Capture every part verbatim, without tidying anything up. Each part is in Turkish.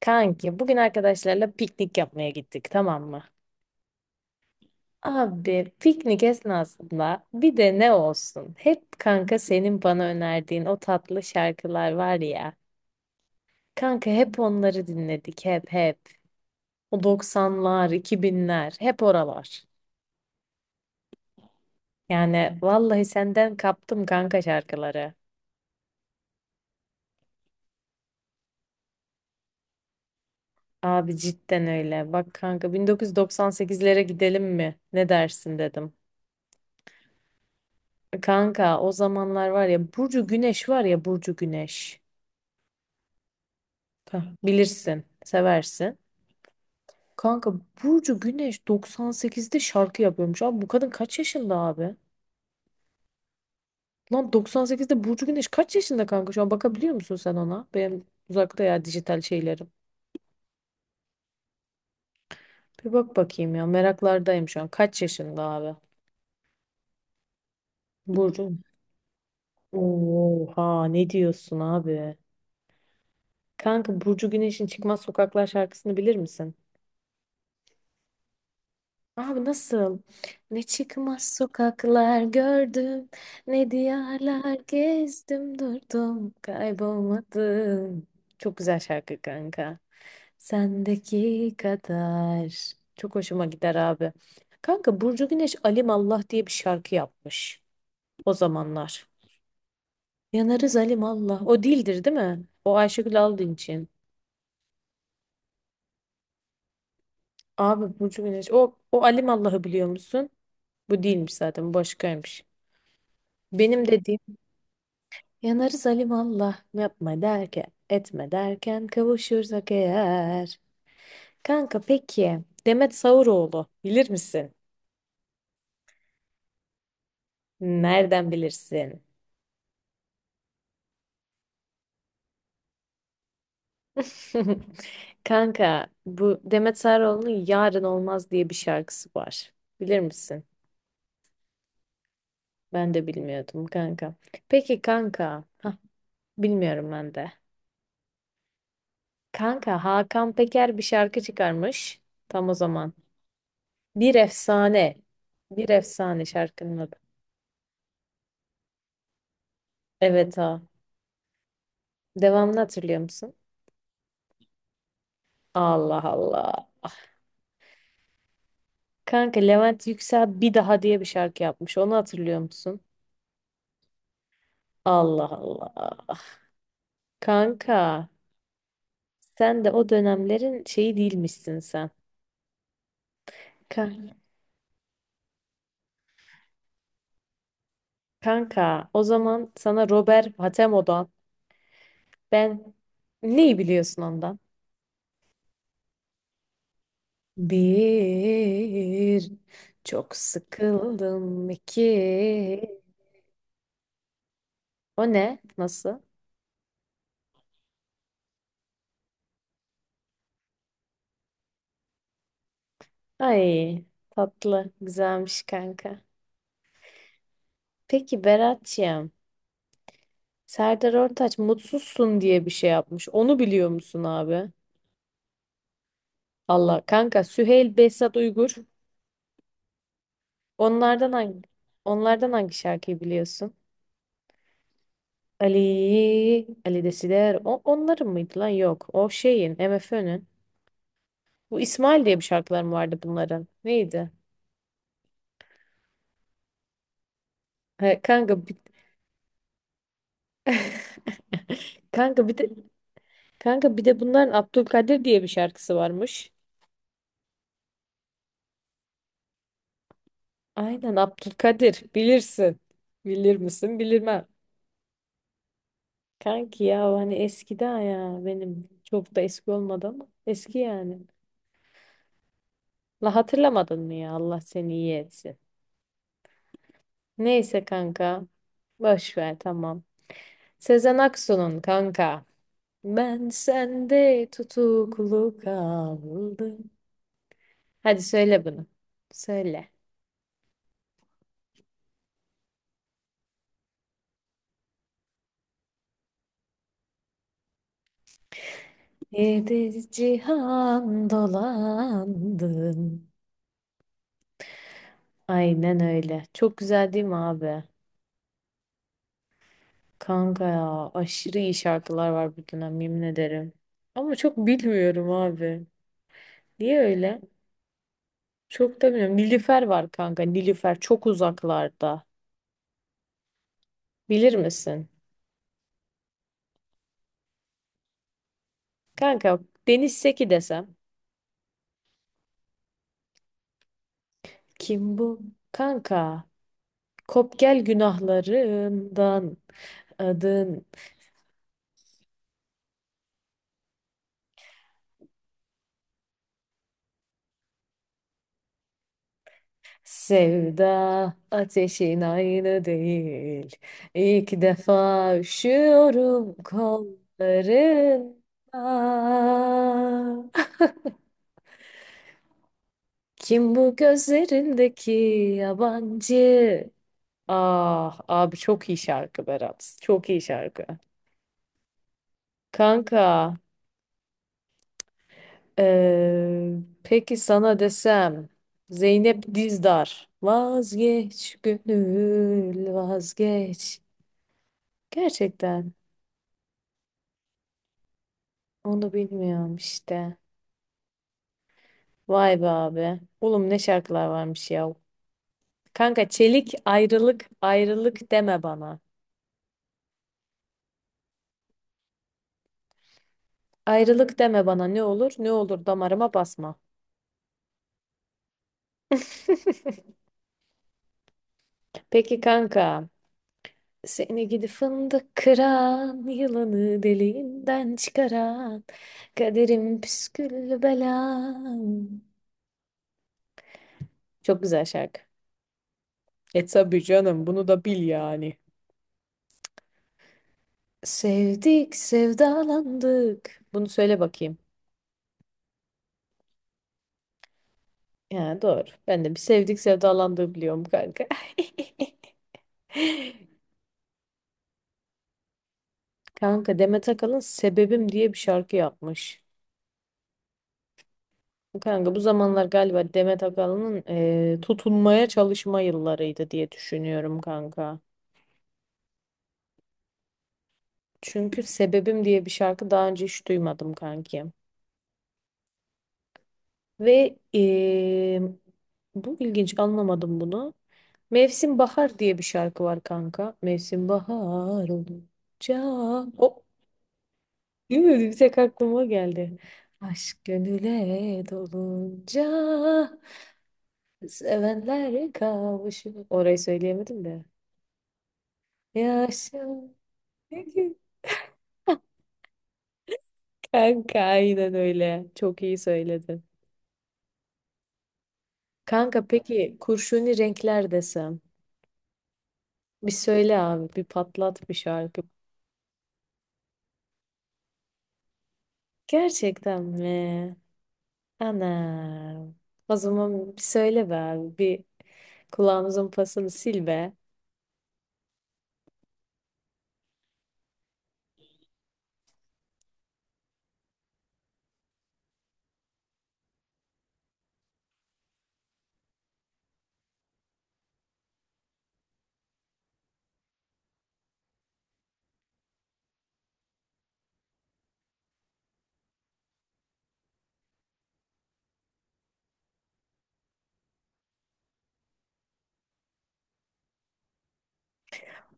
Kanki bugün arkadaşlarla piknik yapmaya gittik, tamam mı? Abi piknik esnasında bir de ne olsun? Hep kanka senin bana önerdiğin o tatlı şarkılar var ya. Kanka hep onları dinledik hep hep. O doksanlar, iki binler hep oralar. Yani vallahi senden kaptım kanka şarkıları. Abi cidden öyle. Bak kanka bin dokuz yüz doksan sekizlere gidelim mi? Ne dersin dedim. Kanka o zamanlar var ya Burcu Güneş var ya Burcu Güneş. Hah, bilirsin, seversin. Kanka Burcu Güneş doksan sekizde şarkı yapıyormuş. Abi bu kadın kaç yaşında abi? Lan doksan sekizde Burcu Güneş kaç yaşında kanka? Şu an bakabiliyor musun sen ona? Benim uzakta ya dijital şeylerim. Bir bak bakayım ya, meraklardayım şu an. Kaç yaşında abi? Burcu. Oha, ne diyorsun abi? Kanka Burcu Güneş'in Çıkmaz Sokaklar şarkısını bilir misin? Abi nasıl? Ne çıkmaz sokaklar gördüm, ne diyarlar gezdim durdum, kaybolmadım. Çok güzel şarkı kanka. Sendeki kadar. Çok hoşuma gider abi. Kanka Burcu Güneş Alim Allah diye bir şarkı yapmış o zamanlar. Yanarız Alim Allah. O değildir, değil mi? O Ayşegül Aldın için. Abi Burcu Güneş. O, o Alim Allah'ı biliyor musun? Bu değilmiş zaten, bu başkaymış. Benim dediğim, yanarız alimallah, yapma derken, etme derken, kavuşursak eğer. Kanka peki Demet Sauroğlu bilir misin? Nereden bilirsin? Kanka bu Demet Sauroğlu'nun Yarın Olmaz diye bir şarkısı var. Bilir misin? Ben de bilmiyordum kanka. Peki kanka. Hah, bilmiyorum ben de. Kanka Hakan Peker bir şarkı çıkarmış. Tam o zaman. Bir efsane. Bir efsane, şarkının adı. Evet, ha. Devamını hatırlıyor musun? Allah Allah. Kanka Levent Yüksel Bir Daha diye bir şarkı yapmış. Onu hatırlıyor musun? Allah Allah. Kanka sen de o dönemlerin şeyi değilmişsin sen. Ka- Kanka o zaman sana Robert Hatemo'dan ben, neyi biliyorsun ondan? Bir, çok sıkıldım iki. O ne? Nasıl? Ay, tatlı güzelmiş kanka. Peki Berat'ciğim, Serdar Ortaç mutsuzsun diye bir şey yapmış. Onu biliyor musun abi? Allah kanka, Süheyl Behzat Uygur. Onlardan hangi onlardan hangi şarkıyı biliyorsun? Ali, Ali Desider. O, onların mıydı lan? Yok. O şeyin, MFÖ'nün. Bu İsmail diye bir şarkılar mı vardı bunların? Neydi? He, kanka bir... kanka bir de kanka bir de bunların Abdülkadir diye bir şarkısı varmış. Aynen Abdülkadir, bilirsin. Bilir misin? Bilirmem. Kanki ya, o hani eskiden ya, benim çok da eski olmadı ama eski yani. La, hatırlamadın mı ya, Allah seni iyi etsin. Neyse kanka, boş ver, tamam. Sezen Aksu'nun kanka. Ben sende tutuklu kaldım. Hadi söyle bunu. Söyle. Yedi cihan dolandım. Aynen öyle. Çok güzel, değil mi abi? Kanka ya aşırı iyi şarkılar var bu dönem, yemin ederim. Ama çok bilmiyorum abi. Niye öyle? Çok da bilmiyorum. Nilüfer var kanka. Nilüfer çok uzaklarda. Bilir misin? Kanka Deniz Seki desem. Kim bu? Kanka. Kop gel günahlarından, adın, sevda ateşin aynı değil. İlk defa üşüyorum kollarından. Kim bu gözlerindeki yabancı? Ah abi, çok iyi şarkı Berat. Çok iyi şarkı. Kanka eee, peki sana desem Zeynep Dizdar. Vazgeç gönül vazgeç. Gerçekten onu bilmiyorum işte. Vay be abi. Oğlum, ne şarkılar varmış ya. Kanka Çelik, ayrılık ayrılık deme bana. Ayrılık deme bana, ne olur ne olur damarıma basma. Peki kanka, seni gidi fındık kıran, yılanı deliğinden çıkaran, kaderim püsküllü belam. Çok güzel şarkı. E tabii canım, bunu da bil yani. Sevdik, sevdalandık. Bunu söyle bakayım. Ya doğru. Ben de bir sevdik sevdalandığı biliyorum kanka. Kanka Demet Akalın Sebebim diye bir şarkı yapmış. Kanka bu zamanlar galiba Demet Akalın'ın eee, tutunmaya çalışma yıllarıydı diye düşünüyorum kanka. Çünkü Sebebim diye bir şarkı daha önce hiç duymadım kanki. Ve eee, bu ilginç, anlamadım bunu. Mevsim Bahar diye bir şarkı var kanka. Mevsim bahar olunca, o değil mi? Bir tek aklıma geldi. Aşk gönüle dolunca sevenler kavuşur. Orayı söyleyemedim de. Ya Yaşa. Kanka aynen öyle. Çok iyi söyledin. Kanka peki kurşuni renkler desem. Bir söyle abi, bir patlat bir şarkı. Gerçekten mi? Ana. O zaman bir söyle be abi. Bir kulağımızın pasını sil be.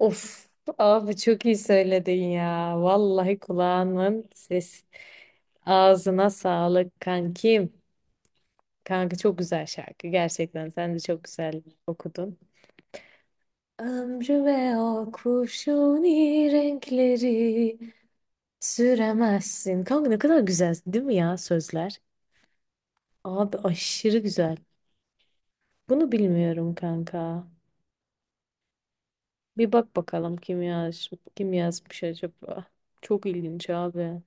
Of abi, çok iyi söyledin ya. Vallahi kulağının ses. Ağzına sağlık kankim. Kanka çok güzel şarkı. Gerçekten sen de çok güzel okudun. Ömrü ve o kurşuni renkleri süremezsin. Kanka ne kadar güzel değil mi ya, sözler? Abi aşırı güzel. Bunu bilmiyorum kanka. Bir bak bakalım, kim yaz kim yazmış acaba. Çok ilginç abi.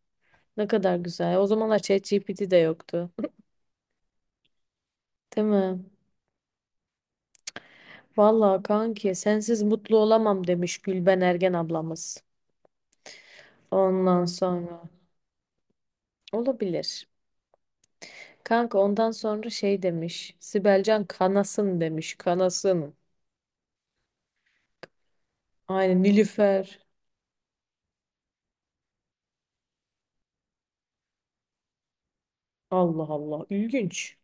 Ne kadar güzel. O zamanlar ChatGPT de yoktu. Değil mi? Vallahi kanki, sensiz mutlu olamam demiş Gülben Ergen ablamız. Ondan sonra olabilir. Kanka ondan sonra şey demiş. Sibelcan, kanasın demiş. Kanasın. Aynen Nilüfer. Allah Allah. İlginç.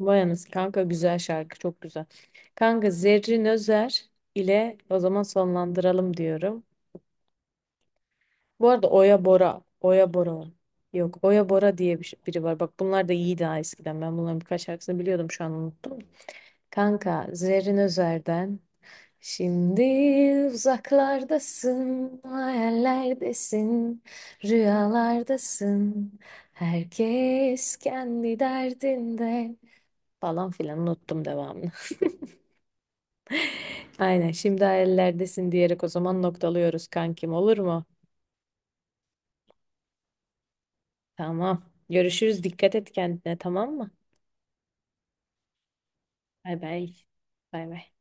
Vay anasını kanka, güzel şarkı. Çok güzel. Kanka Zerrin Özer ile o zaman sonlandıralım diyorum. Bu arada Oya Bora. Oya Bora. Var. Yok, Oya Bora diye bir, biri var. Bak bunlar da iyi, daha eskiden. Ben bunların birkaç şarkısını biliyordum, şu an unuttum. Kanka Zerrin Özer'den. Şimdi uzaklardasın, hayallerdesin, rüyalardasın. Herkes kendi derdinde, falan filan, unuttum devamını. Aynen, şimdi hayallerdesin diyerek o zaman noktalıyoruz kankim, olur mu? Tamam. Görüşürüz. Dikkat et kendine, tamam mı? Bay bay. Bay bay.